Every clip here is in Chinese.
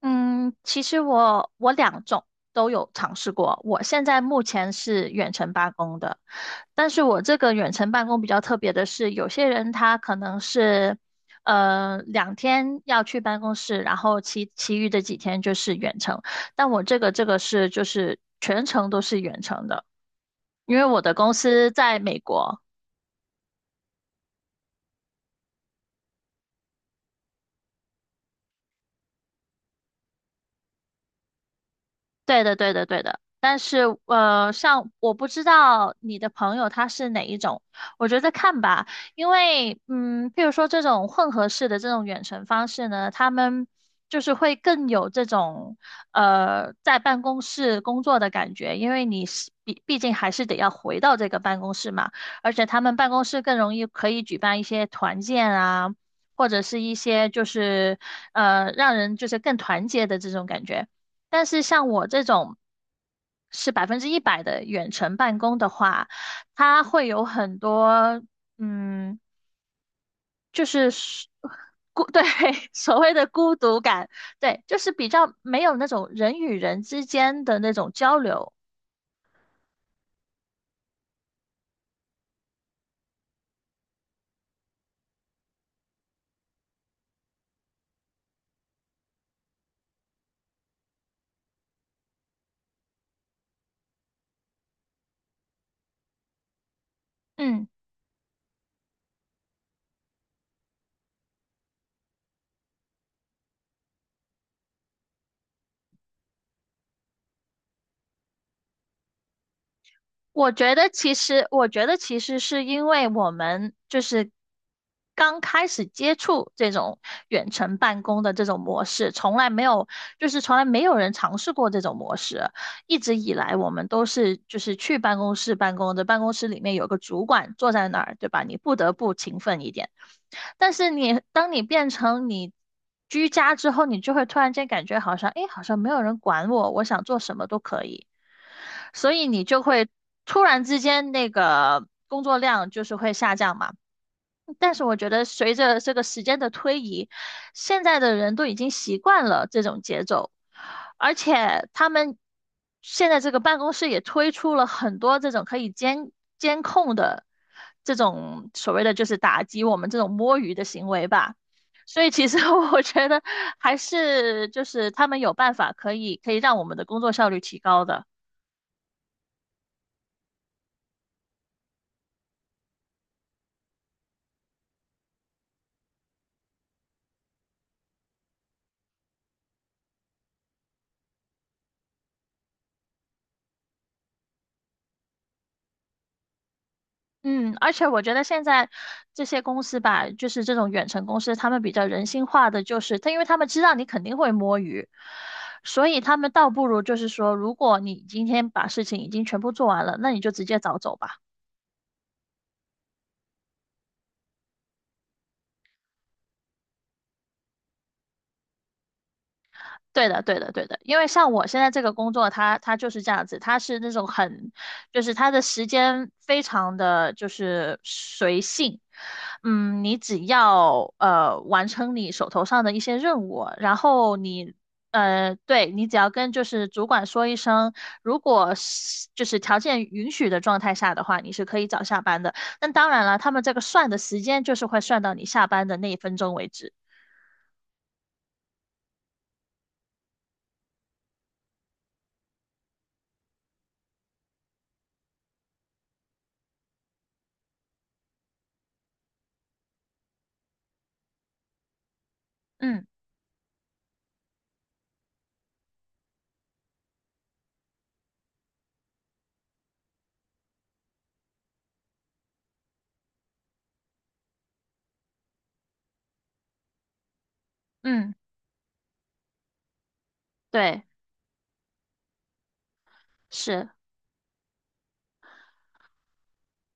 嗯，其实我两种都有尝试过。我现在目前是远程办公的，但是我这个远程办公比较特别的是，有些人他可能是两天要去办公室，然后其余的几天就是远程。但我这个是就是全程都是远程的，因为我的公司在美国，对的，对的，对的。但是，像我不知道你的朋友他是哪一种，我觉得看吧，因为，嗯，譬如说这种混合式的这种远程方式呢，他们就是会更有这种，在办公室工作的感觉，因为你是毕竟还是得要回到这个办公室嘛，而且他们办公室更容易可以举办一些团建啊，或者是一些就是，让人就是更团结的这种感觉。但是像我这种是百分之一百的远程办公的话，它会有很多，嗯，就是对，所谓的孤独感，对，就是比较没有那种人与人之间的那种交流，嗯。我觉得其实，我觉得其实是因为我们就是刚开始接触这种远程办公的这种模式，从来没有，就是从来没有人尝试过这种模式。一直以来，我们都是就是去办公室办公的，办公室里面有个主管坐在那儿，对吧？你不得不勤奋一点。但是当你变成你居家之后，你就会突然间感觉好像，诶，好像没有人管我，我想做什么都可以，所以你就会突然之间那个工作量就是会下降嘛。但是我觉得随着这个时间的推移，现在的人都已经习惯了这种节奏，而且他们现在这个办公室也推出了很多这种可以监控的这种所谓的就是打击我们这种摸鱼的行为吧。所以其实 我觉得还是就是他们有办法可以让我们的工作效率提高的。嗯，而且我觉得现在这些公司吧，就是这种远程公司，他们比较人性化的，就是他，因为他们知道你肯定会摸鱼，所以他们倒不如就是说，如果你今天把事情已经全部做完了，那你就直接早走吧。对的，对的，对的，因为像我现在这个工作，它就是这样子，它是那种很，就是它的时间非常的就是随性，嗯，你只要完成你手头上的一些任务，然后你对，你只要跟就是主管说一声，如果是就是条件允许的状态下的话，你是可以早下班的。那当然了，他们这个算的时间就是会算到你下班的那一分钟为止。嗯嗯，对，是。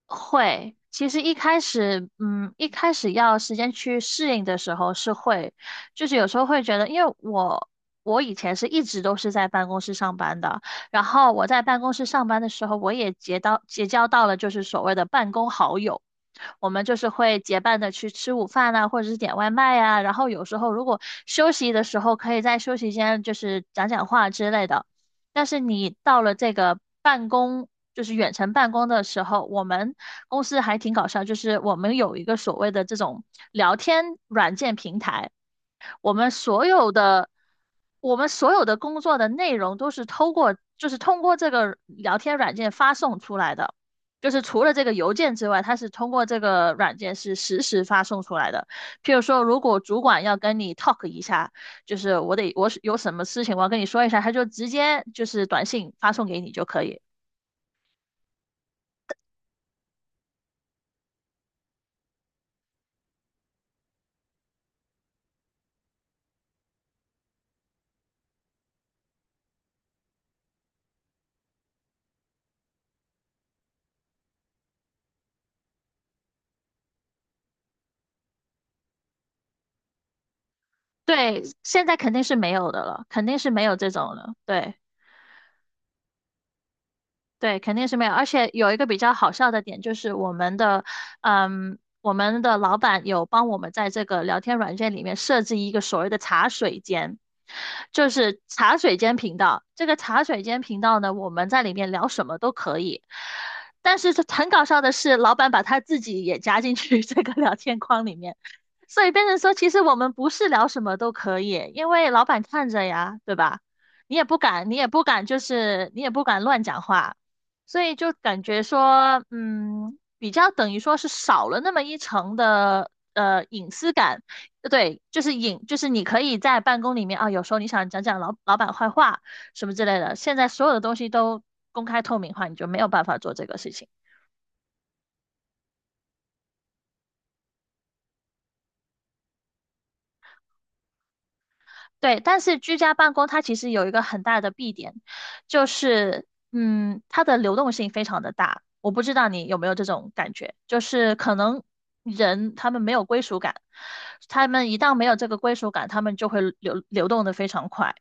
会，其实一开始，嗯，一开始要时间去适应的时候是会，就是有时候会觉得，因为我以前是一直都是在办公室上班的，然后我在办公室上班的时候，我也结交到了就是所谓的办公好友。我们就是会结伴的去吃午饭啊，或者是点外卖呀，然后有时候如果休息的时候，可以在休息间就是讲讲话之类的。但是你到了这个办公，就是远程办公的时候，我们公司还挺搞笑，就是我们有一个所谓的这种聊天软件平台。我们所有的我们所有的工作的内容都是通过就是通过这个聊天软件发送出来的，就是除了这个邮件之外，它是通过这个软件是实时发送出来的。譬如说，如果主管要跟你 talk 一下，就是我有什么事情我要跟你说一下，他就直接就是短信发送给你就可以。对，现在肯定是没有的了，肯定是没有这种了。对。对，肯定是没有。而且有一个比较好笑的点，就是我们的，嗯，我们的老板有帮我们在这个聊天软件里面设置一个所谓的茶水间，就是茶水间频道。这个茶水间频道呢，我们在里面聊什么都可以。但是这很搞笑的是，老板把他自己也加进去 这个聊天框里面，所以变成说，其实我们不是聊什么都可以，因为老板看着呀，对吧？你也不敢，就是你也不敢乱讲话。所以就感觉说，嗯，比较等于说是少了那么一层的隐私感，对，就是隐，就是你可以在办公里面啊，有时候你想讲讲老板坏话什么之类的，现在所有的东西都公开透明化，你就没有办法做这个事情。对，但是居家办公它其实有一个很大的弊点，就是嗯，它的流动性非常的大。我不知道你有没有这种感觉，就是可能人他们没有归属感，他们一旦没有这个归属感，他们就会流动的非常快。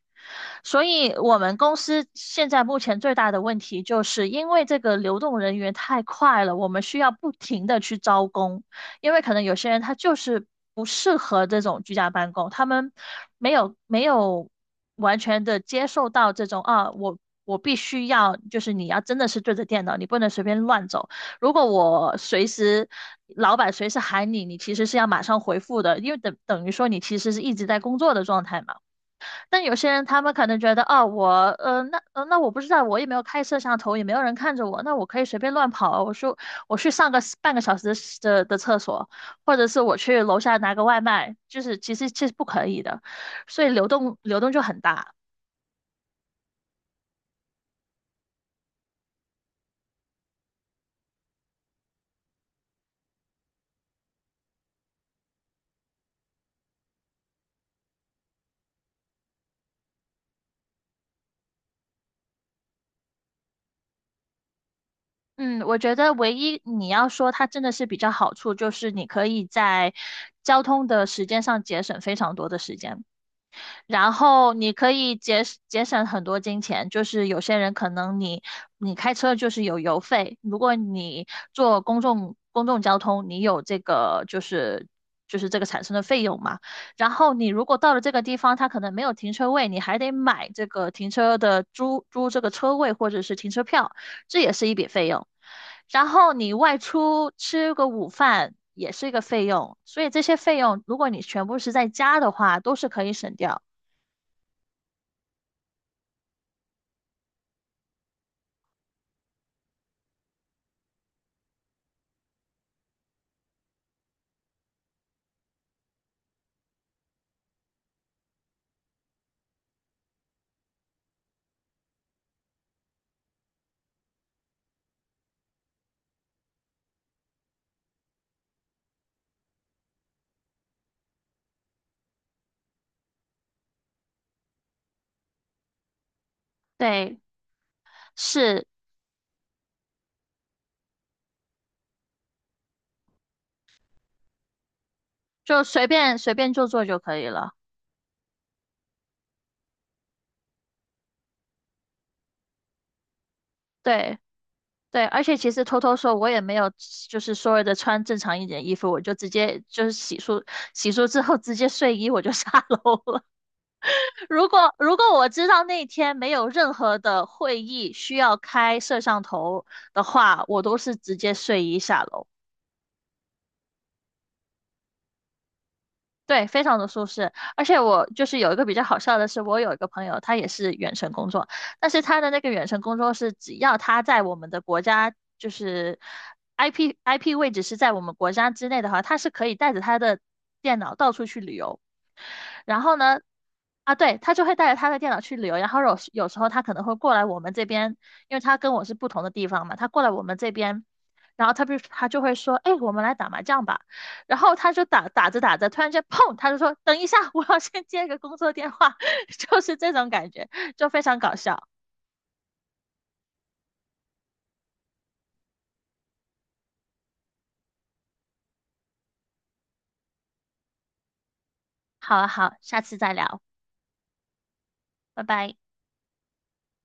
所以我们公司现在目前最大的问题，就是因为这个流动人员太快了，我们需要不停的去招工。因为可能有些人他就是不适合这种居家办公，他们没有完全的接受到这种啊，我必须要就是你要真的是对着电脑，你不能随便乱走。如果我随时老板随时喊你，你其实是要马上回复的，因为等于说你其实是一直在工作的状态嘛。但有些人他们可能觉得，哦，我，那我不知道，我也没有开摄像头，也没有人看着我，那我可以随便乱跑，我说我去上个半个小时的厕所，或者是我去楼下拿个外卖，其实其实不可以的，所以流动就很大。嗯，我觉得唯一你要说它真的是比较好处，就是你可以在交通的时间上节省非常多的时间吧，然后你可以节省很多金钱，就是有些人可能你开车就是有油费，如果你坐公众交通，你有这个就是就是这个产生的费用嘛。然后你如果到了这个地方，它可能没有停车位，你还得买这个停车的租这个车位或者是停车票，这也是一笔费用。然后你外出吃个午饭也是一个费用，所以这些费用如果你全部是在家的话，都是可以省掉。对，是，就随便做做就可以了。对对，而且其实偷偷说，我也没有，就是所谓的穿正常一点衣服，我就直接就是洗漱，洗漱之后直接睡衣我就 下楼了。如果我知道那天没有任何的会议需要开摄像头的话，我都是直接睡衣下楼。对，非常的舒适，而且我就是有一个比较好笑的是，我有一个朋友，他也是远程工作，但是他的那个远程工作是，只要他在我们的国家，就是 IP 位置是在我们国家之内的话，他是可以带着他的电脑到处去旅游。然后呢，啊，对，他就会带着他的电脑去旅游，然后有时候他可能会过来我们这边，因为他跟我是不同的地方嘛，他过来我们这边，然后他不他就会说，哎，我们来打麻将吧，然后他就打着打着，突然间砰，他就说，等一下，我要先接个工作电话，就是这种感觉，就非常搞笑。好啊，好，下次再聊，拜拜。